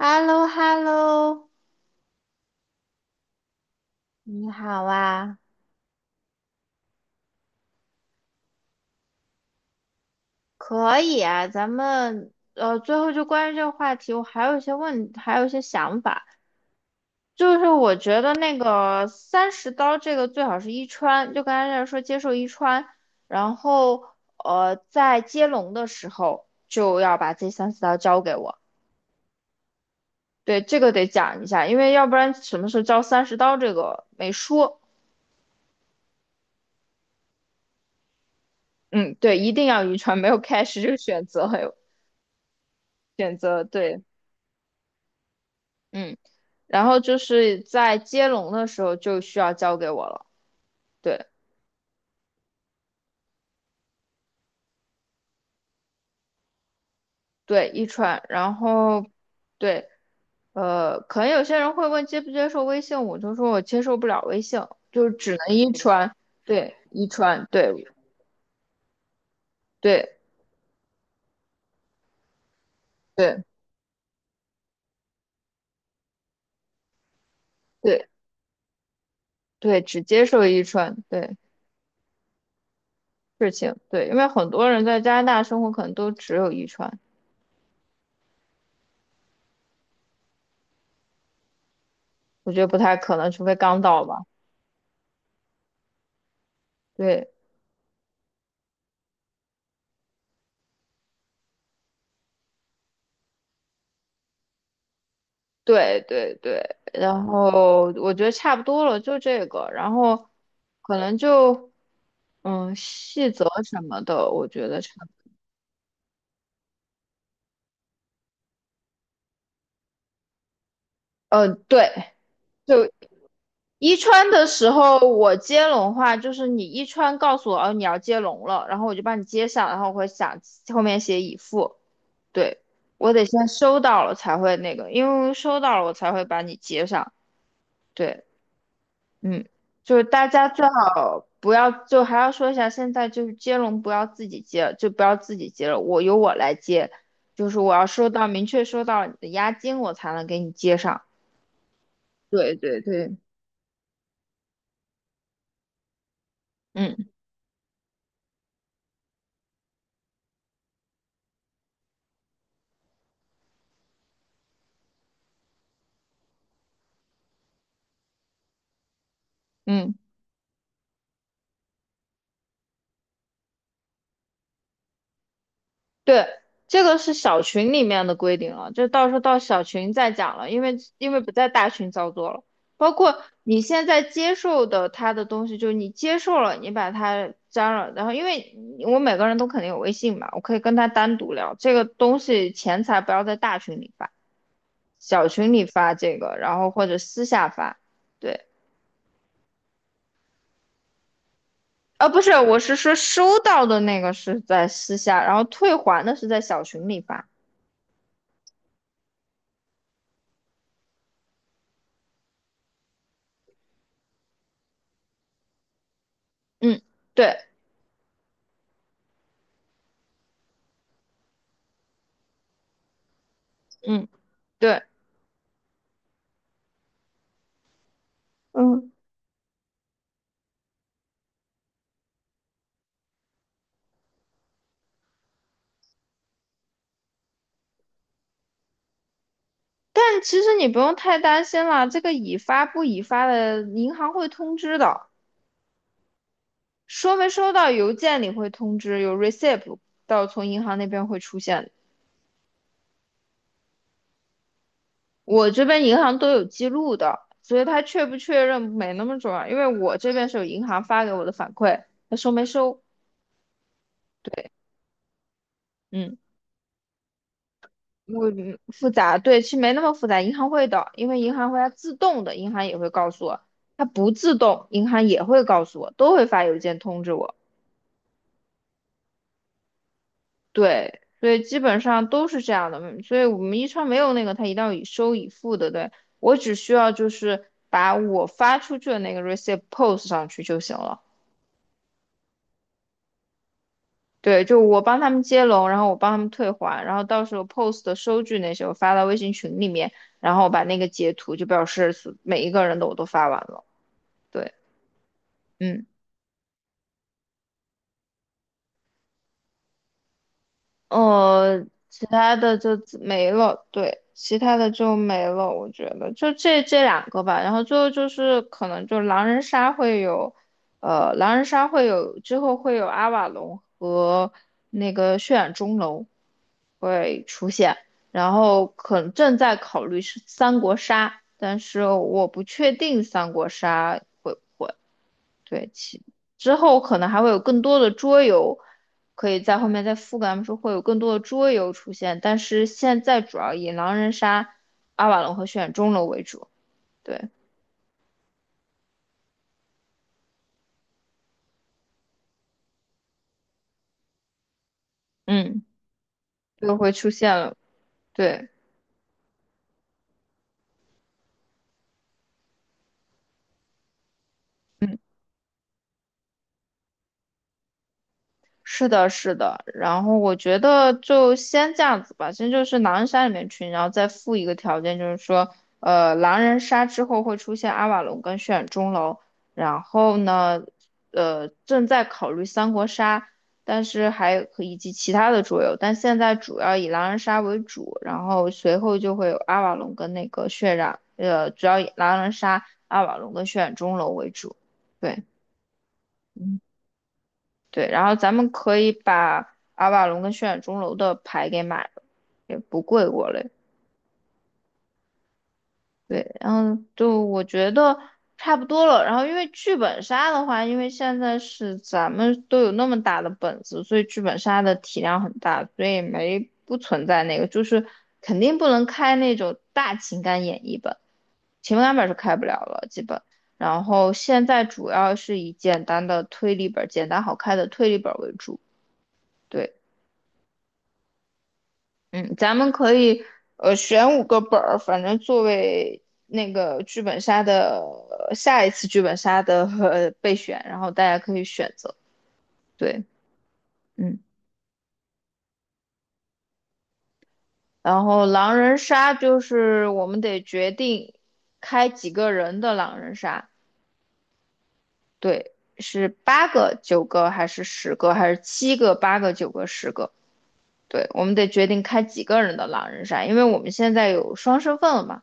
h e l l o h e l l o 你好啊。可以啊，咱们最后就关于这个话题，我还有一些问，还有一些想法，就是我觉得那个三十刀这个最好是一穿，就刚才在说接受一穿，然后在接龙的时候就要把这三十刀交给我。对，这个得讲一下，因为要不然什么时候交三十刀这个没说。嗯，对，一定要一穿，没有开始就选择，还有选择，对。嗯，然后就是在接龙的时候就需要交给我了。对对，一串。然后对，可能有些人会问接不接受微信，我就说我接受不了微信，就只能一串。对，一串，对对对对对，只接受一串，对事情，对，因为很多人在加拿大生活可能都只有一串。我觉得不太可能，除非刚到吧。对。对对对，然后我觉得差不多了，就这个。然后可能就嗯细则什么的，我觉得差不多，对，就一穿的时候我接龙话，就是你一穿告诉我哦你要接龙了，然后我就帮你接上，然后我会想后面写已付。对，我得先收到了才会那个，因为收到了我才会把你接上。对。嗯，就是大家最好不要，就还要说一下，现在就是接龙不要自己接，就不要自己接了，我由我来接，就是我要收到明确收到你的押金，我才能给你接上。对对对，嗯嗯。对，这个是小群里面的规定了，就到时候到小群再讲了，因为不在大群操作了。包括你现在接受的他的东西，就是你接受了，你把他加了，然后因为我每个人都肯定有微信嘛，我可以跟他单独聊这个东西，钱财不要在大群里发，小群里发这个，然后或者私下发。对，啊，不是，我是说收到的那个是在私下，然后退还的是在小群里发。嗯，对，嗯，对。嗯。但其实你不用太担心啦，这个已发不已发的，银行会通知的，收没收到邮件里会通知，有 receipt， 到从银行那边会出现的，我这边银行都有记录的，所以他确不确认没那么重要，因为我这边是有银行发给我的反馈，他收没收？对，嗯，我嗯复杂，对，其实没那么复杂，银行会的，因为银行会它自动的，银行也会告诉我，它不自动，银行也会告诉我，都会发邮件通知我。对，所以基本上都是这样的，嗯所以我们一超没有那个，他一定要以收以付的，对，我只需要就是把我发出去的那个 receipt post 上去就行了。对，就我帮他们接龙，然后我帮他们退还，然后到时候 post 的收据那些我发到微信群里面，然后把那个截图就表示每一个人的我都发完了。对，嗯。其他的就自没了，对，其他的就没了，我觉得就这两个吧。然后最后就是可能就狼人杀会有，狼人杀会有之后会有阿瓦隆和那个血染钟楼会出现，然后可能正在考虑是三国杀，但是我不确定三国杀。会。对，其之后可能还会有更多的桌游，可以在后面再覆盖。他们说会有更多的桌游出现，但是现在主要以狼人杀、阿瓦隆和血染钟楼为主。对，嗯，就会出现了。对，嗯。是的，是的，然后我觉得就先这样子吧，先就是狼人杀里面群，然后再附一个条件，就是说，狼人杀之后会出现阿瓦隆跟血染钟楼，然后呢，正在考虑三国杀，但是还可以及其他的桌游，但现在主要以狼人杀为主，然后随后就会有阿瓦隆跟那个血染，主要以狼人杀、阿瓦隆跟血染钟楼为主。对。嗯对，然后咱们可以把阿瓦隆跟血染钟楼的牌给买了，也不贵我嘞。对，然后就我觉得差不多了。然后因为剧本杀的话，因为现在是咱们都有那么大的本子，所以剧本杀的体量很大，所以没不存在那个，就是肯定不能开那种大情感演绎本，情感本是开不了了，基本。然后现在主要是以简单的推理本、简单好开的推理本为主。对。嗯，咱们可以选五个本儿，反正作为那个剧本杀的下一次剧本杀的备选，然后大家可以选择。对，嗯，然后狼人杀就是我们得决定开几个人的狼人杀。对，是八个、九个还是十个，还是七个、八个、九个、十个？对，我们得决定开几个人的狼人杀，因为我们现在有双身份了嘛，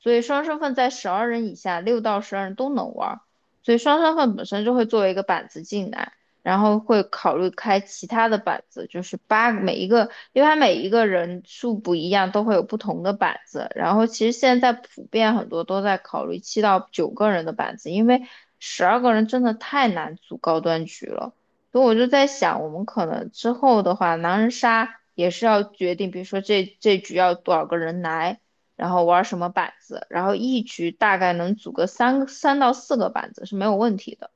所以双身份在十二人以下，六到十二人都能玩儿，所以双身份本身就会作为一个板子进来，然后会考虑开其他的板子，就是八个每一个，因为它每一个人数不一样，都会有不同的板子。然后其实现在普遍很多都在考虑七到九个人的板子，因为十二个人真的太难组高端局了。所以我就在想，我们可能之后的话，狼人杀也是要决定，比如说这局要多少个人来，然后玩什么板子，然后一局大概能组个三到四个板子是没有问题的。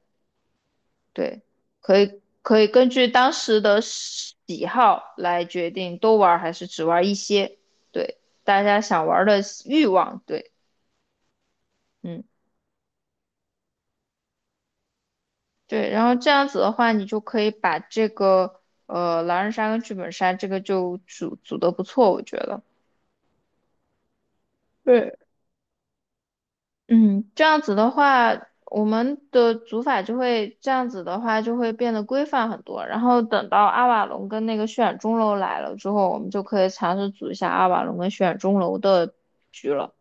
对，可以可以根据当时的喜好来决定多玩还是只玩一些。对，大家想玩的欲望，对，嗯，对，然后这样子的话，你就可以把这个。狼人杀跟剧本杀这个就组的不错，我觉得。对，嗯，这样子的话，我们的组法就会这样子的话就会变得规范很多。然后等到阿瓦隆跟那个血染钟楼来了之后，我们就可以尝试组一下阿瓦隆跟血染钟楼的局了。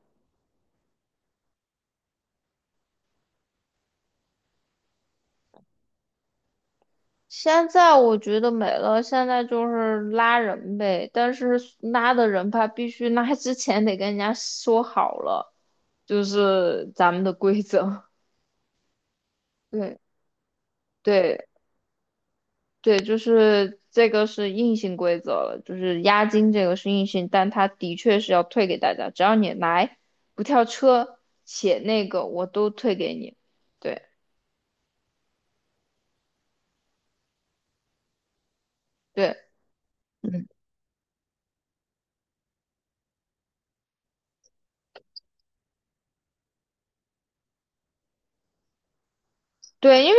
现在我觉得没了，现在就是拉人呗，但是拉的人吧，必须拉之前得跟人家说好了，就是咱们的规则。对对，对，就是这个是硬性规则了，就是押金这个是硬性，但它的确是要退给大家，只要你来不跳车且那个我都退给你。对对嗯，对，因为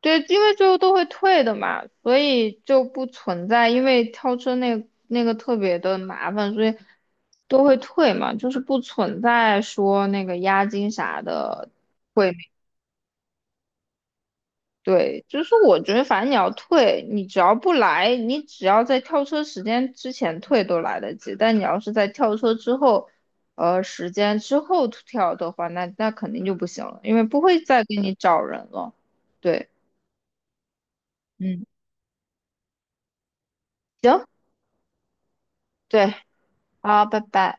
对，因为最后都会退的嘛，所以就不存在因为跳车那个特别的麻烦，所以都会退嘛，就是不存在说那个押金啥的。会。对，就是我觉得反正你要退，你只要不来，你只要在跳车时间之前退都来得及。但你要是在跳车之后，时间之后跳的话，那肯定就不行了，因为不会再给你找人了。对，嗯，行，对，好，拜拜。